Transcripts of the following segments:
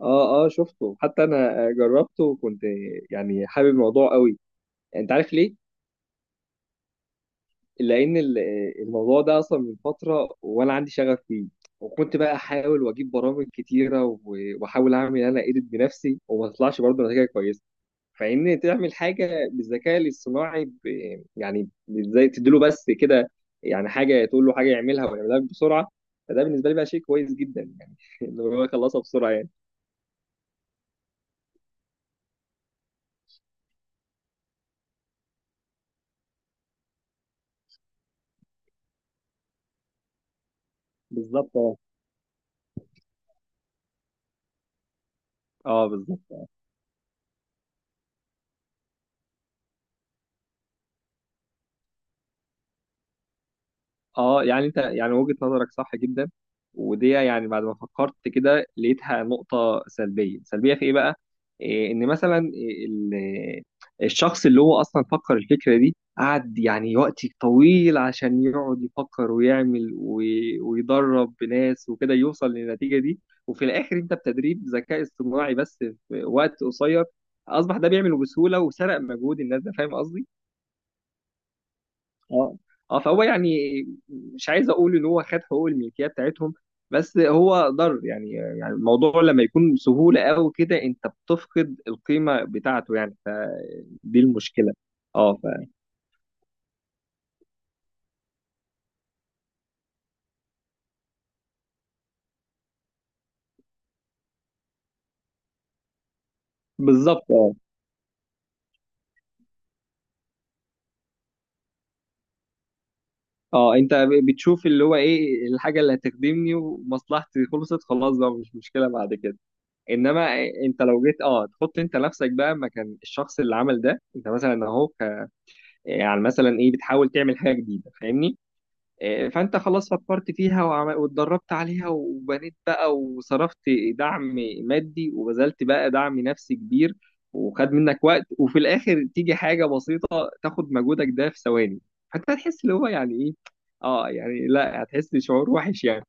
اه شفته حتى انا جربته وكنت يعني حابب الموضوع قوي. انت عارف ليه؟ لان الموضوع ده اصلا من فتره وانا عندي شغف فيه، وكنت بقى احاول واجيب برامج كتيره واحاول اعمل انا ايديت بنفسي وما تطلعش برضه نتيجه كويسه. فان تعمل حاجه بالذكاء الاصطناعي يعني ازاي تديله بس كده، يعني حاجه تقول له حاجه يعملها ويعملها لك بسرعه. فده بالنسبه لي بقى شيء كويس جدا يعني انه هو يخلصها بسرعه يعني. بالظبط اه اه بالظبط. اه يعني انت يعني وجهة نظرك صح جدا، ودي يعني بعد ما فكرت كده لقيتها نقطة سلبية. سلبية في ايه بقى؟ إيه ان مثلا الشخص اللي هو اصلا فكر الفكرة دي قعد يعني وقت طويل عشان يقعد يفكر ويعمل ويدرب ناس وكده يوصل للنتيجة دي، وفي الاخر انت بتدريب ذكاء اصطناعي بس في وقت قصير اصبح ده بيعمله بسهولة وسرق مجهود الناس ده. فاهم قصدي؟ اه اه، فهو يعني مش عايز اقول ان هو خد حقوق الملكيه بتاعتهم، بس هو ضر يعني. يعني الموضوع لما يكون بسهوله قوي كده انت بتفقد القيمه بتاعته يعني. فدي المشكله. اه ف بالظبط اه. اه انت بتشوف اللي هو ايه الحاجه اللي هتخدمني ومصلحتي، خلصت خلاص بقى مش مشكله بعد كده. انما انت لو جيت اه تحط انت نفسك بقى مكان الشخص اللي عمل ده، انت مثلا يعني مثلا ايه بتحاول تعمل حاجه جديده فاهمني. فانت خلاص فكرت فيها واتدربت عليها وبنيت بقى وصرفت دعم مادي وبذلت بقى دعم نفسي كبير، وخد منك وقت، وفي الاخر تيجي حاجه بسيطه تاخد مجهودك ده في ثواني. فانت هتحس اللي هو يعني ايه. اه يعني لا، هتحس بشعور وحش يعني.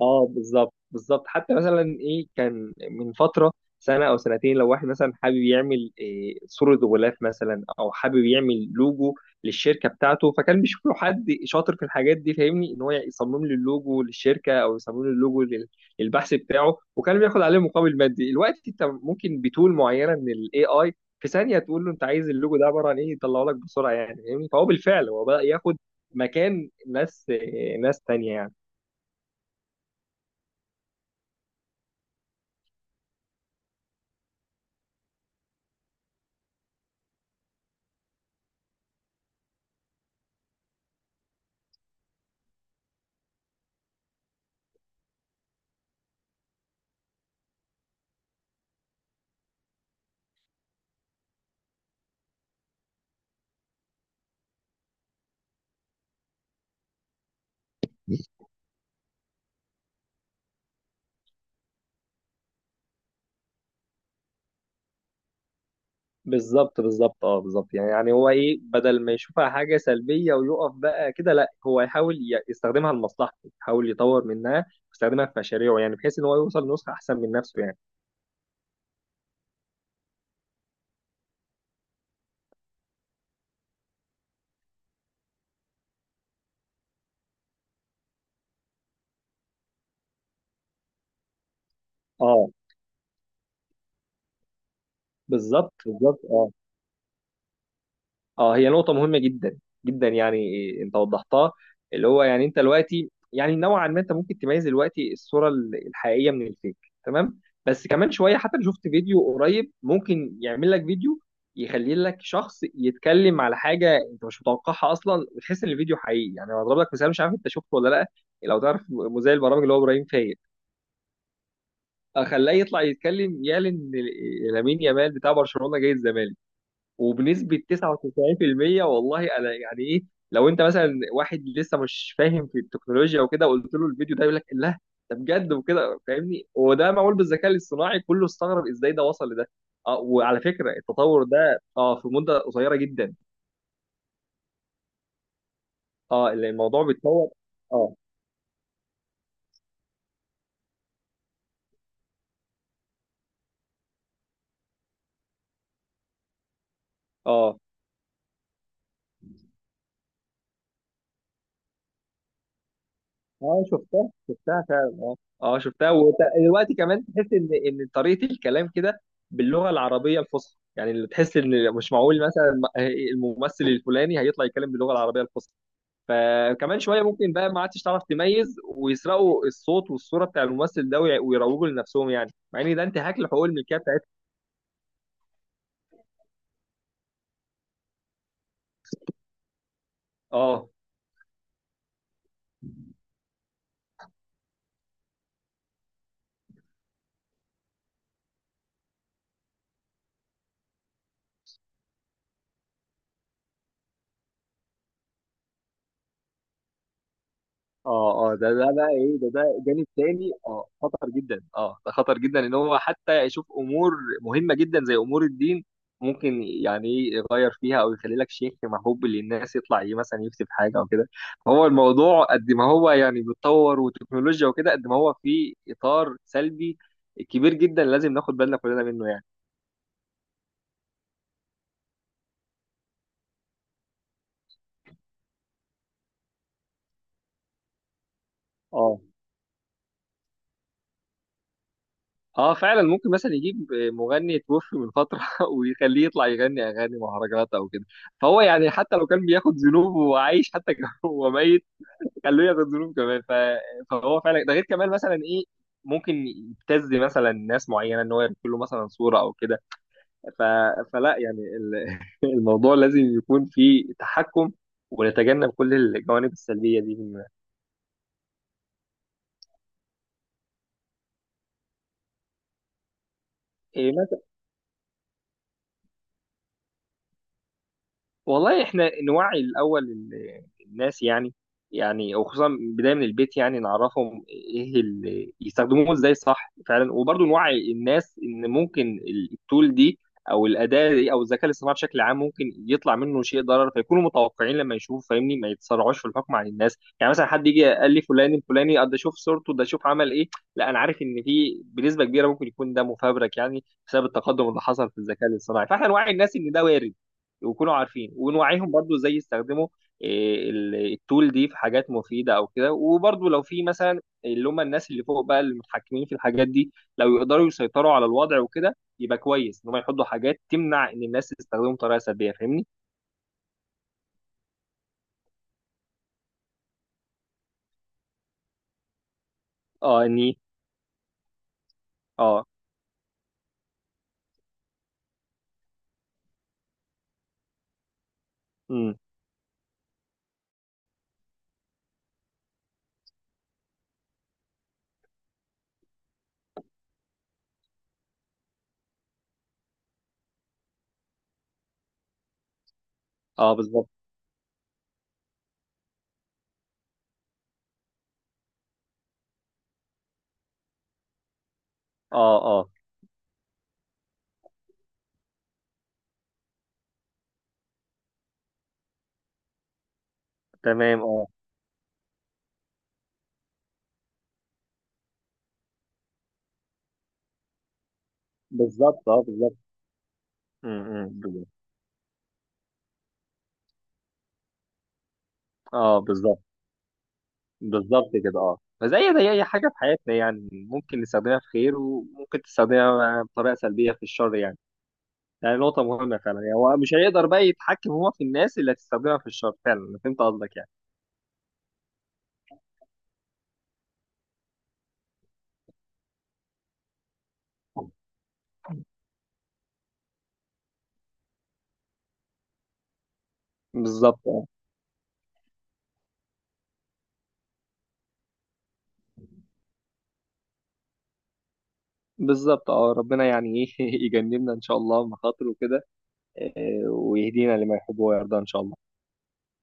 اه بالظبط بالظبط. حتى مثلا ايه، كان من فتره سنه او سنتين، لو واحد مثلا حابب يعمل إيه صوره غلاف مثلا، او حابب يعمل لوجو للشركه بتاعته، فكان بيشوف له حد شاطر في الحاجات دي فاهمني، ان هو يصمم له اللوجو للشركه، او يصمم له اللوجو للبحث بتاعه، وكان بياخد عليه مقابل مادي. دلوقتي انت ممكن بتول معينه من الاي اي في ثانيه تقول له انت عايز اللوجو ده عباره عن ايه يطلعه لك بسرعه يعني، فاهمني؟ فهو بالفعل هو بدا ياخد مكان ناس إيه، ناس تانيه يعني. بالظبط. يعني يعني هو ايه، بدل ما يشوفها حاجه سلبيه ويقف بقى كده، لا، هو يحاول يستخدمها لمصلحته، يحاول يطور منها ويستخدمها في مشاريعه يعني، بحيث ان هو يوصل لنسخه احسن من نفسه يعني. اه بالظبط. هي نقطة مهمة جدا جدا يعني، إيه، انت وضحتها. اللي هو يعني انت دلوقتي، يعني نوعا ما انت ممكن تميز دلوقتي الصورة الحقيقية من الفيك، تمام؟ بس كمان شوية، حتى أنا شفت فيديو قريب ممكن يعمل لك فيديو يخلي لك شخص يتكلم على حاجة انت مش متوقعها اصلا، وتحس ان الفيديو حقيقي يعني. انا هضرب لك مثال، مش عارف انت شفته ولا لا. لو تعرف مذيع البرامج اللي هو ابراهيم فايق، خلاه يطلع يتكلم يعلن إن لامين يامال بتاع برشلونة جاي الزمالك، وبنسبة 99% والله، انا يعني ايه، لو انت مثلا واحد لسه مش فاهم في التكنولوجيا وكده قلت له الفيديو ده يقول لك لا، ده بجد وكده فاهمني، وده معمول بالذكاء الاصطناعي، كله استغرب ازاي ده وصل لده. اه، وعلى فكرة التطور ده اه في مدة قصيرة جدا. اه، اللي الموضوع بيتطور. اه. اه اه شفتها، شفتها فعلا اه. اه شفتها، ودلوقتي كمان تحس ان طريقه الكلام كده باللغه العربيه الفصحى، يعني اللي تحس ان مش معقول مثلا الممثل الفلاني هيطلع يتكلم باللغه العربيه الفصحى. فكمان شويه ممكن بقى ما عادش تعرف تميز، ويسرقوا الصوت والصوره بتاع الممثل ده ويروجوا لنفسهم يعني، مع ان ده انتهاك لحقوق الملكيه بتاعتهم. اه اه، اه ده بقى ايه، ده جانب تاني اه خطر جدا، اه ده خطر جدا، ان هو حتى يشوف امور مهمه جدا زي امور الدين، ممكن يعني إيه يغير فيها، او يخلي لك شيخ محبوب للناس يطلع ايه مثلا يكتب حاجه او كده. فهو الموضوع قد ما هو يعني بيتطور وتكنولوجيا وكده، قد ما هو في اطار سلبي كبير جدا لازم ناخد بالنا كلنا منه يعني. اه. اه فعلا، ممكن مثلا يجيب مغني توفي من فتره ويخليه يطلع يغني اغاني مهرجانات او كده، فهو يعني حتى لو كان بياخد ذنوب وعايش حتى وهو ميت، خلوه ياخد ذنوب كمان فهو فعلا. ده غير كمان مثلا ايه، ممكن يبتز مثلا ناس معينه ان هو يرسل له مثلا صوره او كده. ف... فلا يعني الموضوع لازم يكون فيه تحكم، ونتجنب كل الجوانب السلبيه دي منه. والله احنا نوعي الاول الناس يعني، يعني وخصوصا بدايه من البيت يعني نعرفهم ايه اللي يستخدموه ازاي صح فعلا، وبرضه نوعي الناس ان ممكن التول دي او الاداه دي او الذكاء الاصطناعي بشكل عام ممكن يطلع منه شيء ضرر، فيكونوا متوقعين لما يشوفوا فاهمني، ما يتسرعوش في الحكم على الناس يعني. مثلا حد يجي قال لي فلان الفلاني آه، ده شوف صورته، ده شوف عمل ايه، لا، انا عارف ان في بنسبه كبيره ممكن يكون ده مفبرك يعني، بسبب التقدم اللي حصل في الذكاء الاصطناعي. فاحنا نوعي الناس ان ده وارد ويكونوا عارفين، ونوعيهم برضو ازاي يستخدموا إيه، التول دي في حاجات مفيدة او كده. وبرضو لو في مثلا اللي هم الناس اللي فوق بقى المتحكمين في الحاجات دي، لو يقدروا يسيطروا على الوضع وكده يبقى كويس ان هم يحطوا حاجات تمنع ان الناس تستخدمه بطريقة سلبية، فاهمني؟ اه اني اه. امم. اه بالظبط. اه اه تمام. اه بالظبط. اه بالظبط. امم. أمم، بالظبط. اه بالظبط بالظبط كده. اه، فزي زي اي حاجه في حياتنا يعني، ممكن نستخدمها في خير، وممكن تستخدمها بطريقه سلبيه في الشر يعني. يعني نقطه مهمه فعلا يعني، هو مش هيقدر بقى يتحكم هو في الناس اللي هتستخدمها في الشر فعلا. انا فهمت قصدك يعني. بالظبط اه بالظبط. اه، ربنا يعني ايه يجنبنا ان شاء الله مخاطر وكده، ويهدينا لما يحب ويرضى ان شاء الله.